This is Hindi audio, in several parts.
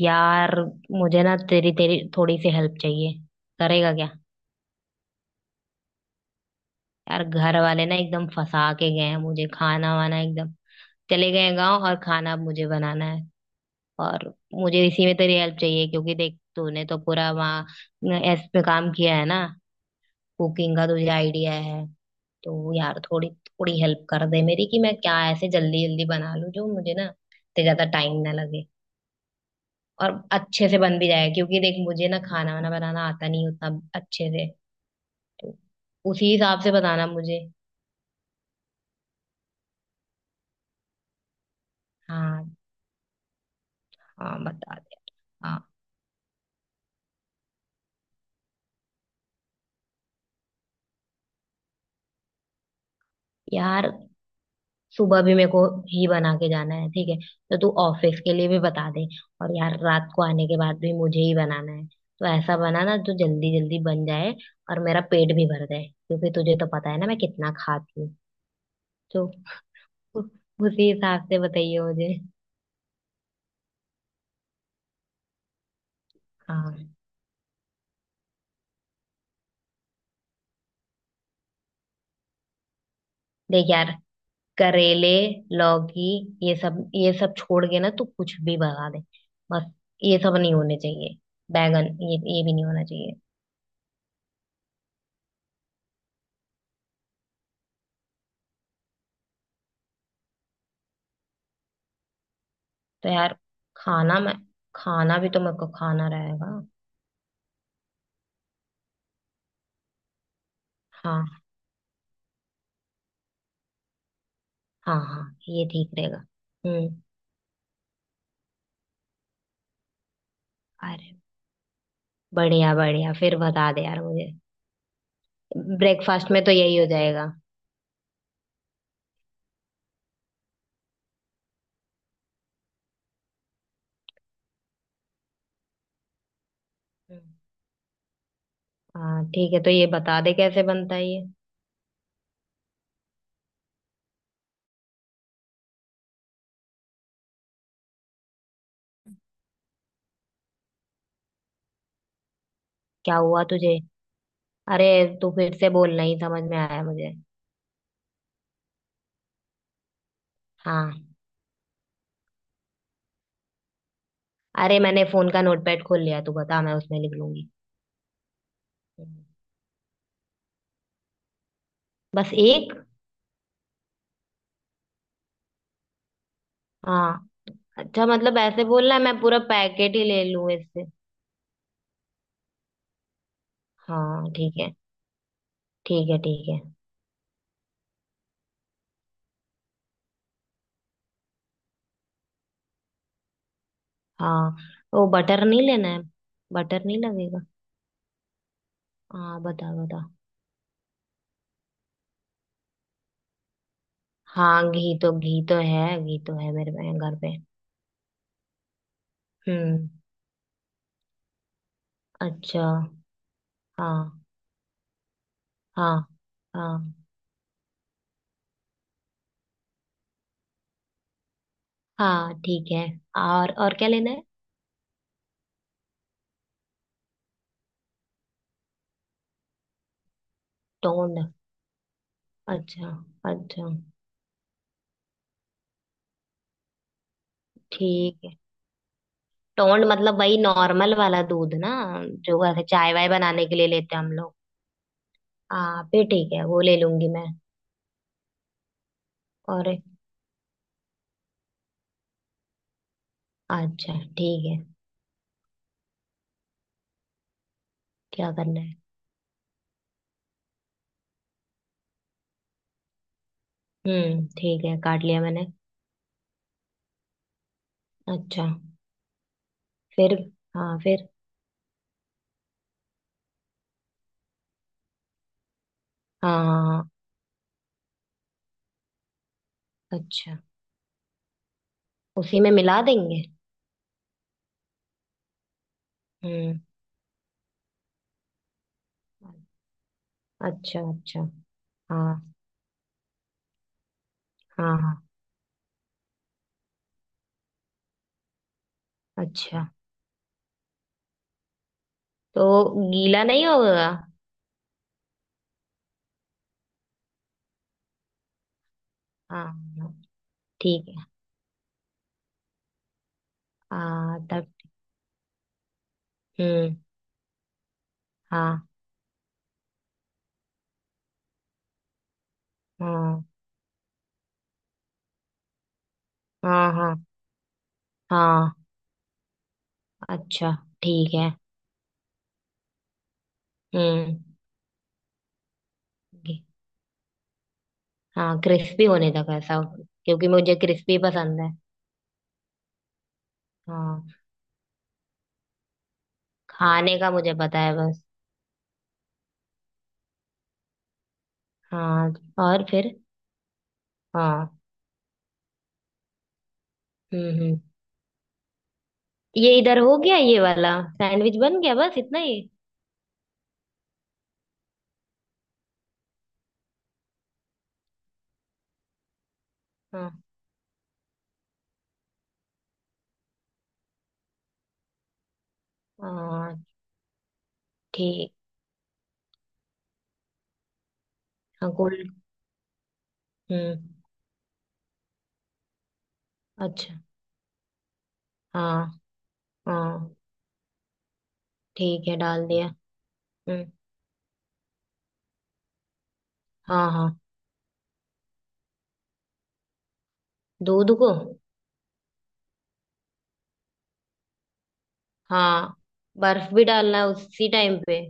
यार, मुझे ना तेरी तेरी थोड़ी सी हेल्प चाहिए। करेगा क्या? यार, घर वाले ना एकदम फंसा के गए हैं मुझे। खाना वाना एकदम, चले गए गांव और खाना अब मुझे बनाना है। और मुझे इसी में तेरी हेल्प चाहिए, क्योंकि देख तूने तो पूरा वहाँ एस पे काम किया है ना। कुकिंग का तुझे आइडिया है। तो यार थोड़ी थोड़ी हेल्प कर दे मेरी, कि मैं क्या ऐसे जल्दी जल्दी बना लूं जो मुझे ना इतने ज्यादा टाइम ना लगे। और अच्छे से बन भी जाए, क्योंकि देख मुझे ना खाना वाना बनाना आता नहीं उतना अच्छे से। उसी हिसाब से बताना मुझे। हाँ। हाँ बता दे। हाँ यार, सुबह भी मेरे को ही बना के जाना है। ठीक है, तो तू ऑफिस के लिए भी बता दे। और यार रात को आने के बाद भी मुझे ही बनाना है। तो ऐसा बनाना जो जल्दी जल्दी बन जाए और मेरा पेट भी भर जाए, क्योंकि तुझे तो पता है ना मैं कितना खाती हूँ। तो उ- उसी हिसाब से बताइए मुझे। हाँ। देख यार, करेले, लौकी, ये सब छोड़ के ना तू कुछ भी भगा दे। बस ये सब नहीं होने चाहिए। बैगन, ये भी नहीं होना चाहिए। तो यार, खाना मैं खाना भी तो मेरे को खाना रहेगा। हाँ, हाँ, हाँ, ये ठीक रहेगा। हम्म। अरे, बढ़िया बढ़िया, फिर बता दे यार मुझे। ब्रेकफास्ट में तो यही हो जाएगा। हम्म। हाँ ठीक है, तो ये बता दे कैसे बनता है ये। क्या हुआ तुझे? अरे, तू फिर से बोलना ही समझ में आया मुझे। हाँ। अरे, मैंने फोन का नोटपैड खोल लिया, तू बता मैं उसमें लिख लूंगी। बस एक? हाँ। अच्छा, मतलब ऐसे बोलना है मैं पूरा पैकेट ही ले लूं इससे। हाँ ठीक है। ठीक है ठीक है। हाँ, वो बटर नहीं लेना है? बटर नहीं लगेगा? हाँ बता बता। हाँ घी तो, घी तो है, घी तो है मेरे घर पे। हम्म। अच्छा। हाँ। हाँ। हाँ। हाँ ठीक है। और क्या लेना है? टोंड। अच्छा। अच्छा। ठीक है। टोंड मतलब वही नॉर्मल वाला दूध ना, जो ऐसे चाय वाय बनाने के लिए लेते हैं हम लोग। हाँ, फिर ठीक है, वो ले लूंगी मैं। और? अच्छा। ठीक है। क्या करना है? ठीक है, काट लिया मैंने। अच्छा। फिर? हाँ फिर? हाँ। अच्छा, उसी में मिला देंगे। हम्म। अच्छा अच्छा। हाँ। हाँ। हाँ। अच्छा। तो गीला नहीं होगा? हाँ। हाँ, ठीक है। हाँ तब? हम्म। हाँ। हाँ। हाँ। हाँ। हाँ। अच्छा। ठीक है। हम्म। हाँ क्रिस्पी होने तक है सब, क्योंकि मुझे क्रिस्पी पसंद है। हाँ, खाने का मुझे पता है बस। हाँ। और फिर? हाँ। हम्म। ये इधर हो गया, ये वाला सैंडविच बन गया, बस इतना ही? हाँ। हाँ ठीक। हाँ गोल। हम्म। अच्छा। हाँ। हाँ ठीक है, डाल दिया। हम्म। हाँ। हाँ दूध को? हाँ। बर्फ भी डालना है उसी टाइम पे?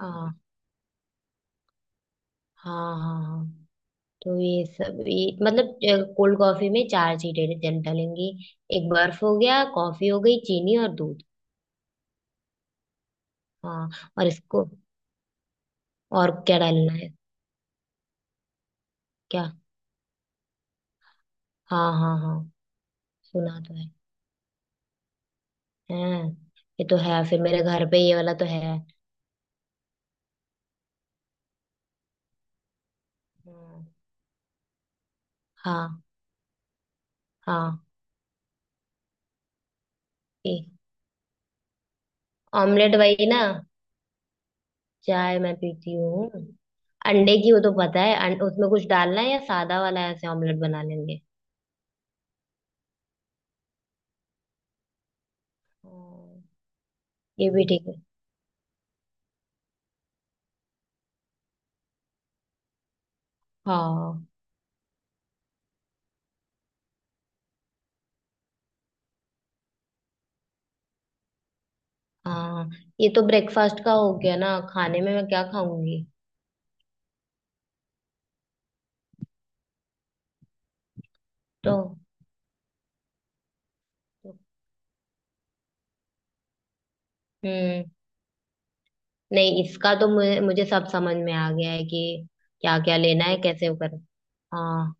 हाँ। हाँ। हाँ। हाँ। तो ये सब, ये मतलब कोल्ड कॉफी में चार चीजें डलेंगी। एक बर्फ हो गया, कॉफी हो गई, चीनी और दूध। हाँ। और इसको? और क्या डालना है? क्या? हाँ हाँ हाँ, सुना तो है। हैं? ये तो है फिर मेरे घर पे, ये वाला तो है। हाँ। हाँ। हाँ। ये? ऑमलेट वही ना? चाय मैं पीती हूँ। अंडे की वो तो पता है। उसमें कुछ डालना है या सादा वाला ऐसे ऑमलेट बना लेंगे? हाँ, ये भी ठीक है। हाँ। हाँ। ये तो ब्रेकफास्ट का हो गया ना, खाने में मैं क्या खाऊंगी? तो? हम्म। नहीं, इसका तो मुझे, मुझे सब समझ में आ गया है कि क्या क्या लेना है, कैसे वो कर। हाँ।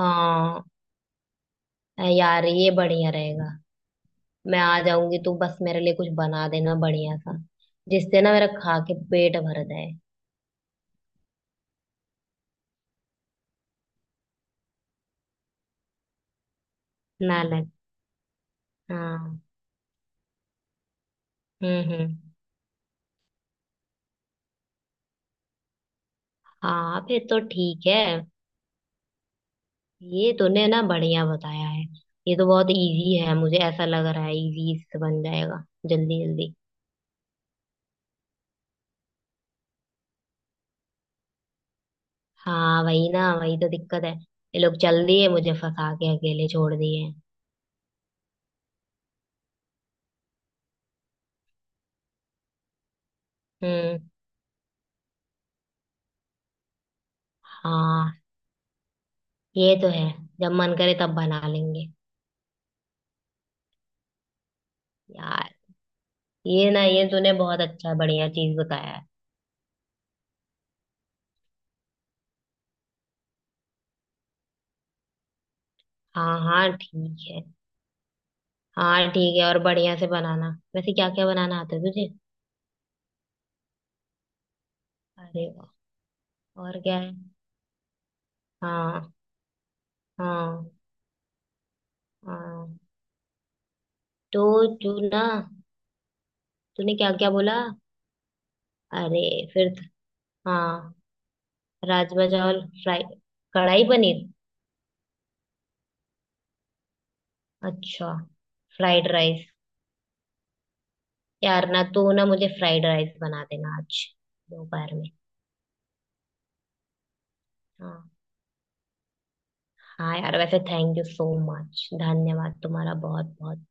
हाँ। यार ये बढ़िया रहेगा। मैं आ जाऊंगी, तू बस मेरे लिए कुछ बना देना बढ़िया सा, जिससे ना मेरा खा के पेट भर जाए। ना लग। हाँ। हम्म। हाँ फिर तो ठीक है। ये तूने ना बढ़िया बताया है। ये तो बहुत इजी है, मुझे ऐसा लग रहा है, इजी इससे बन जाएगा। जल्दी जल्दी। हाँ वही ना, वही तो दिक्कत है। ये लोग चल दिए मुझे फंसा के, अकेले छोड़ दिए। हम्म। हाँ, ये तो है। जब मन करे तब बना लेंगे। यार, ये तूने बहुत अच्छा बढ़िया चीज बताया है। हाँ हाँ ठीक है। हाँ ठीक है, और बढ़िया से बनाना। वैसे क्या क्या बनाना आता है तुझे? अरे वाह। और क्या है? हाँ। हाँ। हाँ। तो तू ना। तूने क्या क्या बोला? अरे, फिर हाँ। राजमा चावल फ्राई, कढ़ाई पनीर। अच्छा। Fried rice. यार ना, तो ना मुझे फ्राइड राइस बना देना आज, दोपहर में। हाँ। हाँ यार, वैसे थैंक यू सो मच, धन्यवाद तुम्हारा बहुत बहुत।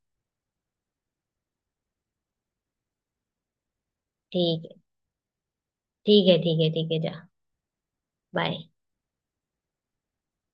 ठीक है ठीक है। ठीक है ठीक है, जा। बाय।